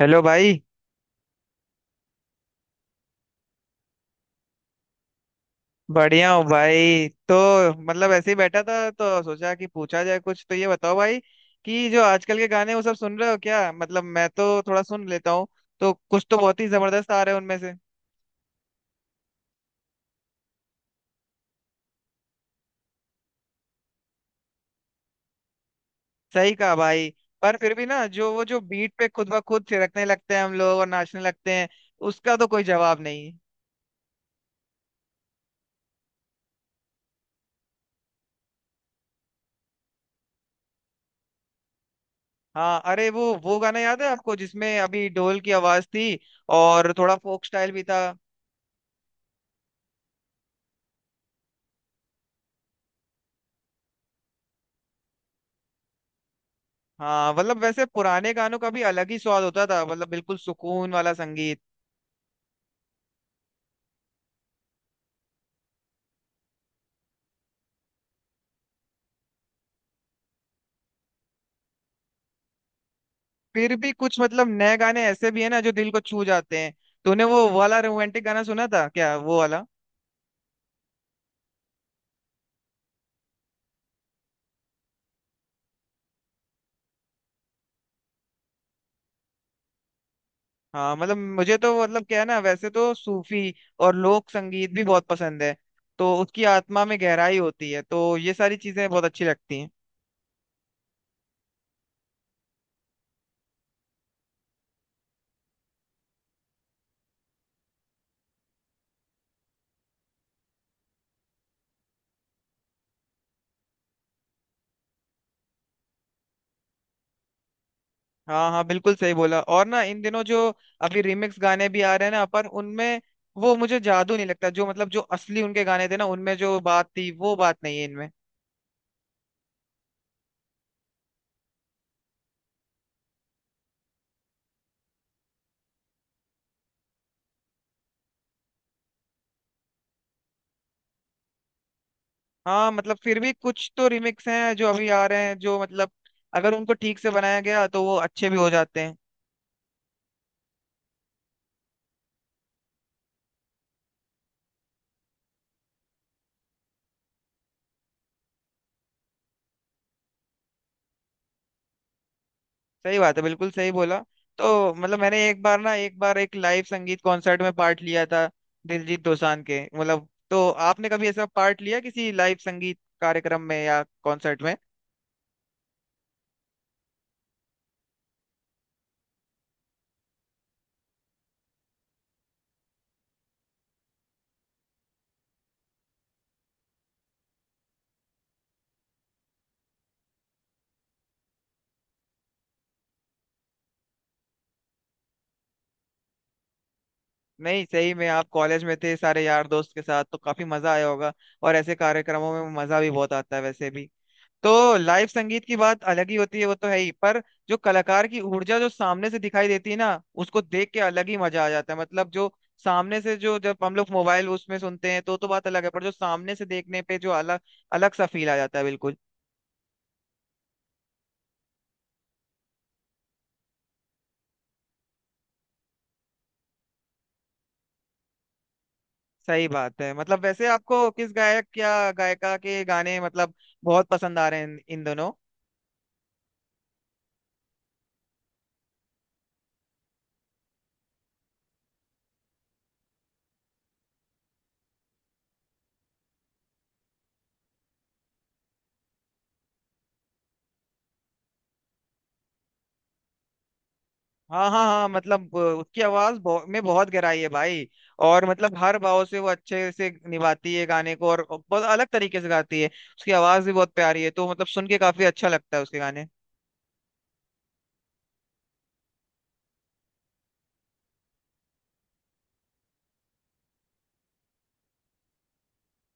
Hello भाई। बढ़िया हूँ भाई। तो मतलब ऐसे ही बैठा था तो सोचा कि पूछा जाए कुछ। तो ये बताओ भाई कि जो आजकल के गाने वो सब सुन रहे हो क्या? मतलब मैं तो थोड़ा सुन लेता हूँ तो कुछ तो बहुत ही जबरदस्त आ रहे हैं उनमें से। सही कहा भाई। पर फिर भी ना जो बीट पे खुद ब खुद थिरकने लगते हैं हम लोग और नाचने लगते हैं, उसका तो कोई जवाब नहीं। हाँ अरे वो गाना याद है आपको जिसमें अभी ढोल की आवाज थी और थोड़ा फोक स्टाइल भी था? हाँ मतलब वैसे पुराने गानों का भी अलग ही स्वाद होता था। मतलब बिल्कुल सुकून वाला संगीत। फिर भी कुछ मतलब नए गाने ऐसे भी है ना जो दिल को छू जाते हैं। तूने वो वाला रोमांटिक गाना सुना था क्या, वो वाला? हाँ मतलब मुझे तो मतलब क्या है ना, वैसे तो सूफी और लोक संगीत भी बहुत पसंद है तो उसकी आत्मा में गहराई होती है तो ये सारी चीजें बहुत अच्छी लगती हैं। हाँ हाँ बिल्कुल सही बोला। और ना इन दिनों जो अभी रिमिक्स गाने भी आ रहे हैं ना, पर उनमें वो मुझे जादू नहीं लगता, जो मतलब जो असली उनके गाने थे ना उनमें जो बात थी वो बात नहीं है इनमें। हाँ मतलब फिर भी कुछ तो रिमिक्स हैं जो अभी आ रहे हैं, जो मतलब अगर उनको ठीक से बनाया गया तो वो अच्छे भी हो जाते हैं। सही बात है, बिल्कुल सही बोला। तो मतलब मैंने एक बार ना, एक बार एक लाइव संगीत कॉन्सर्ट में पार्ट लिया था, दिलजीत दोसांझ के। मतलब तो आपने कभी ऐसा पार्ट लिया किसी लाइव संगीत कार्यक्रम में या कॉन्सर्ट में? नहीं सही में आप कॉलेज में थे सारे यार दोस्त के साथ तो काफी मजा आया होगा, और ऐसे कार्यक्रमों में मजा भी बहुत आता है वैसे भी। तो लाइव संगीत की बात अलग ही होती है, वो तो है ही। पर जो कलाकार की ऊर्जा जो सामने से दिखाई देती है ना, उसको देख के अलग ही मजा आ जाता है। मतलब जो सामने से जो, जब हम लोग मोबाइल उसमें सुनते हैं तो बात अलग है, पर जो सामने से देखने पे जो अलग अलग सा फील आ जाता है, बिल्कुल। सही बात है। मतलब वैसे आपको किस गायक या गायिका के गाने मतलब बहुत पसंद आ रहे हैं इन इन दोनों? हाँ हाँ हाँ। मतलब उसकी आवाज में बहुत गहराई है भाई। और मतलब हर भाव से वो अच्छे से निभाती है गाने को, और बहुत अलग तरीके से गाती है। उसकी आवाज भी बहुत प्यारी है तो मतलब सुन के काफी अच्छा लगता है उसके गाने।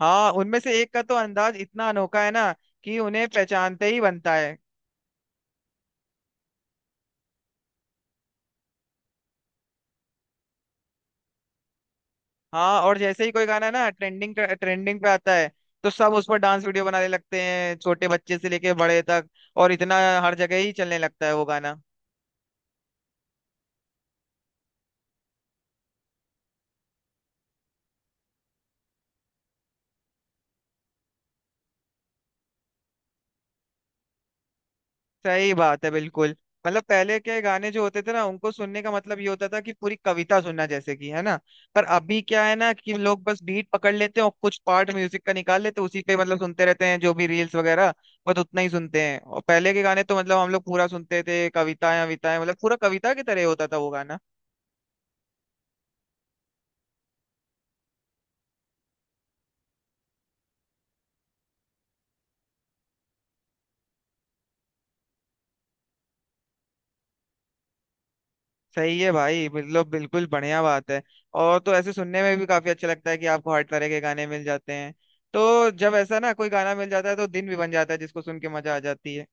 हाँ उनमें से एक का तो अंदाज इतना अनोखा है ना कि उन्हें पहचानते ही बनता है। हाँ, और जैसे ही कोई गाना ना ट्रेंडिंग ट्रेंडिंग पे आता है तो सब उस पर डांस वीडियो बनाने लगते हैं, छोटे बच्चे से लेके बड़े तक, और इतना हर जगह ही चलने लगता है वो गाना। सही बात है, बिल्कुल। मतलब पहले के गाने जो होते थे ना, उनको सुनने का मतलब ये होता था कि पूरी कविता सुनना जैसे कि, है ना? पर अभी क्या है ना कि लोग बस बीट पकड़ लेते हैं और कुछ पार्ट म्यूजिक का निकाल लेते हैं, उसी पे मतलब सुनते रहते हैं, जो भी रील्स वगैरह बस उतना ही सुनते हैं। और पहले के गाने तो मतलब हम लोग पूरा सुनते थे, कविताएं विताएं, मतलब पूरा कविता की तरह होता था वो गाना। सही है भाई, मतलब बिल्कुल बढ़िया बात है। और तो ऐसे सुनने में भी काफी अच्छा लगता है कि आपको हर तरह के गाने मिल जाते हैं, तो जब ऐसा ना कोई गाना मिल जाता है तो दिन भी बन जाता है, जिसको सुन के मजा आ जाती है।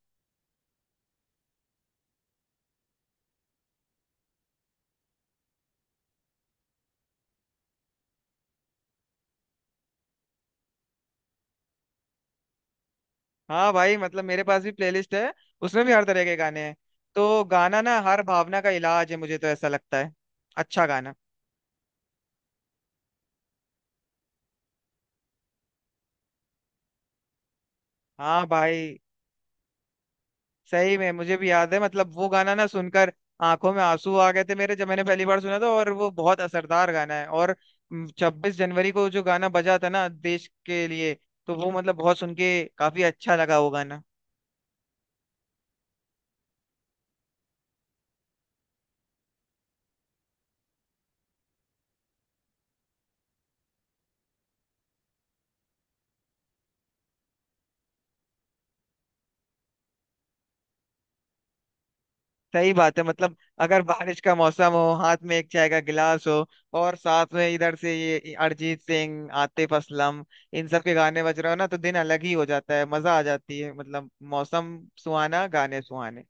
हाँ भाई मतलब मेरे पास भी प्लेलिस्ट है, उसमें भी हर तरह के गाने हैं। तो गाना ना हर भावना का इलाज है, मुझे तो ऐसा लगता है। अच्छा गाना। हाँ भाई। सही में मुझे भी याद है, मतलब वो गाना ना सुनकर आंखों में आंसू आ गए थे मेरे, जब मैंने पहली बार सुना था, और वो बहुत असरदार गाना है। और 26 जनवरी को जो गाना बजा था ना देश के लिए, तो वो मतलब बहुत सुन के काफी अच्छा लगा वो गाना। सही बात है। मतलब अगर बारिश का मौसम हो, हाथ में एक चाय का गिलास हो और साथ में इधर से ये अरिजीत सिंह, आतिफ असलम, इन सब के गाने बज रहे हो ना, तो दिन अलग ही हो जाता है, मजा आ जाती है। मतलब मौसम सुहाना, गाने सुहाने।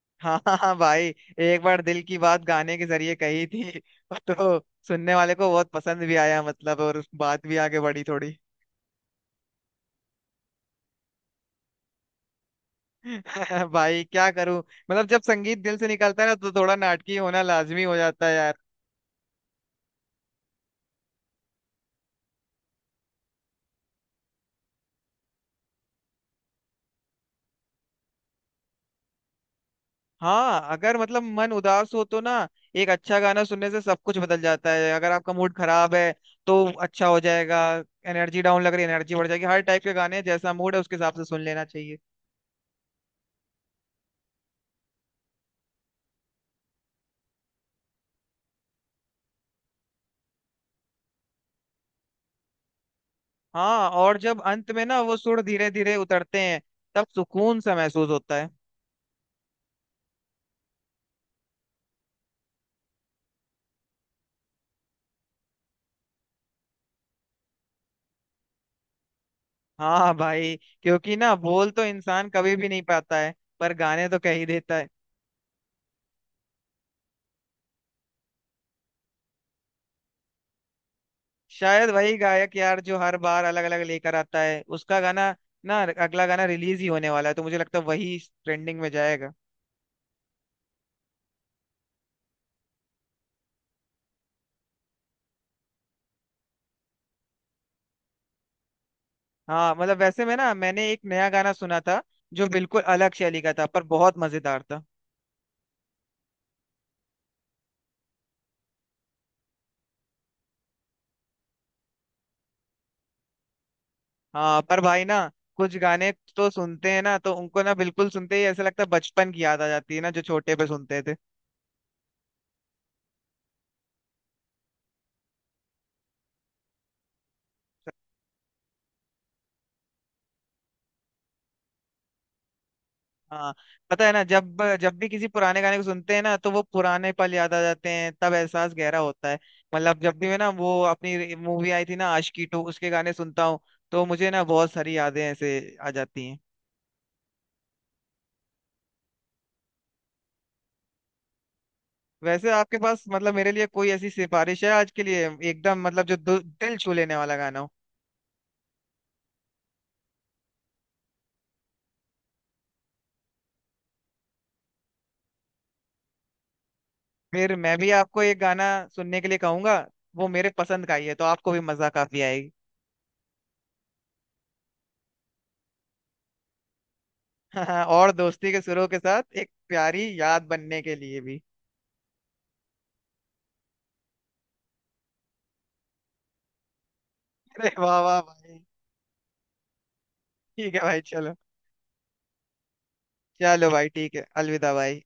हाँ हाँ हाँ भाई। एक बार दिल की बात गाने के जरिए कही थी। तो सुनने वाले को बहुत पसंद भी आया, मतलब, और बात भी आगे बढ़ी थोड़ी। भाई क्या करूं। मतलब जब संगीत दिल से निकलता है ना तो थोड़ा नाटकी होना लाजमी हो जाता है यार। हाँ अगर मतलब मन उदास हो तो ना एक अच्छा गाना सुनने से सब कुछ बदल जाता है। अगर आपका मूड खराब है तो अच्छा हो जाएगा, एनर्जी डाउन लग रही है एनर्जी बढ़ जाएगी। हर टाइप के गाने हैं, जैसा मूड है उसके हिसाब से सुन लेना चाहिए। हाँ, और जब अंत में ना वो सुर धीरे धीरे उतरते हैं तब सुकून सा महसूस होता है। हाँ भाई, क्योंकि ना बोल तो इंसान कभी भी नहीं पाता है, पर गाने तो कह ही देता है। शायद वही गायक यार जो हर बार अलग अलग लेकर आता है, उसका गाना ना अगला गाना रिलीज ही होने वाला है तो मुझे लगता है वही ट्रेंडिंग में जाएगा। हाँ मतलब वैसे में ना मैंने एक नया गाना सुना था जो बिल्कुल अलग शैली का था पर बहुत मजेदार था। हाँ पर भाई ना कुछ गाने तो सुनते हैं ना तो उनको ना बिल्कुल सुनते ही ऐसा लगता है, बचपन की याद आ जाती है ना, जो छोटे पे सुनते थे। हाँ पता है ना, जब जब भी किसी पुराने गाने को सुनते हैं ना तो वो पुराने पल याद आ जाते हैं, तब एहसास गहरा होता है। मतलब जब भी मैं ना, वो अपनी मूवी आई थी ना, आशिकी 2, उसके गाने सुनता हूँ तो मुझे ना बहुत सारी यादें ऐसे आ जाती हैं। वैसे आपके पास मतलब मेरे लिए कोई ऐसी सिफारिश है आज के लिए, एकदम मतलब जो दिल छू लेने वाला गाना हो? फिर मैं भी आपको एक गाना सुनने के लिए कहूंगा। वो मेरे पसंद का ही है तो आपको भी मजा काफी आएगी। और दोस्ती के सुरों के साथ एक प्यारी याद बनने के लिए भी। अरे वाह वाह भाई। ठीक है भाई, चलो। चलो भाई, ठीक है, अलविदा भाई।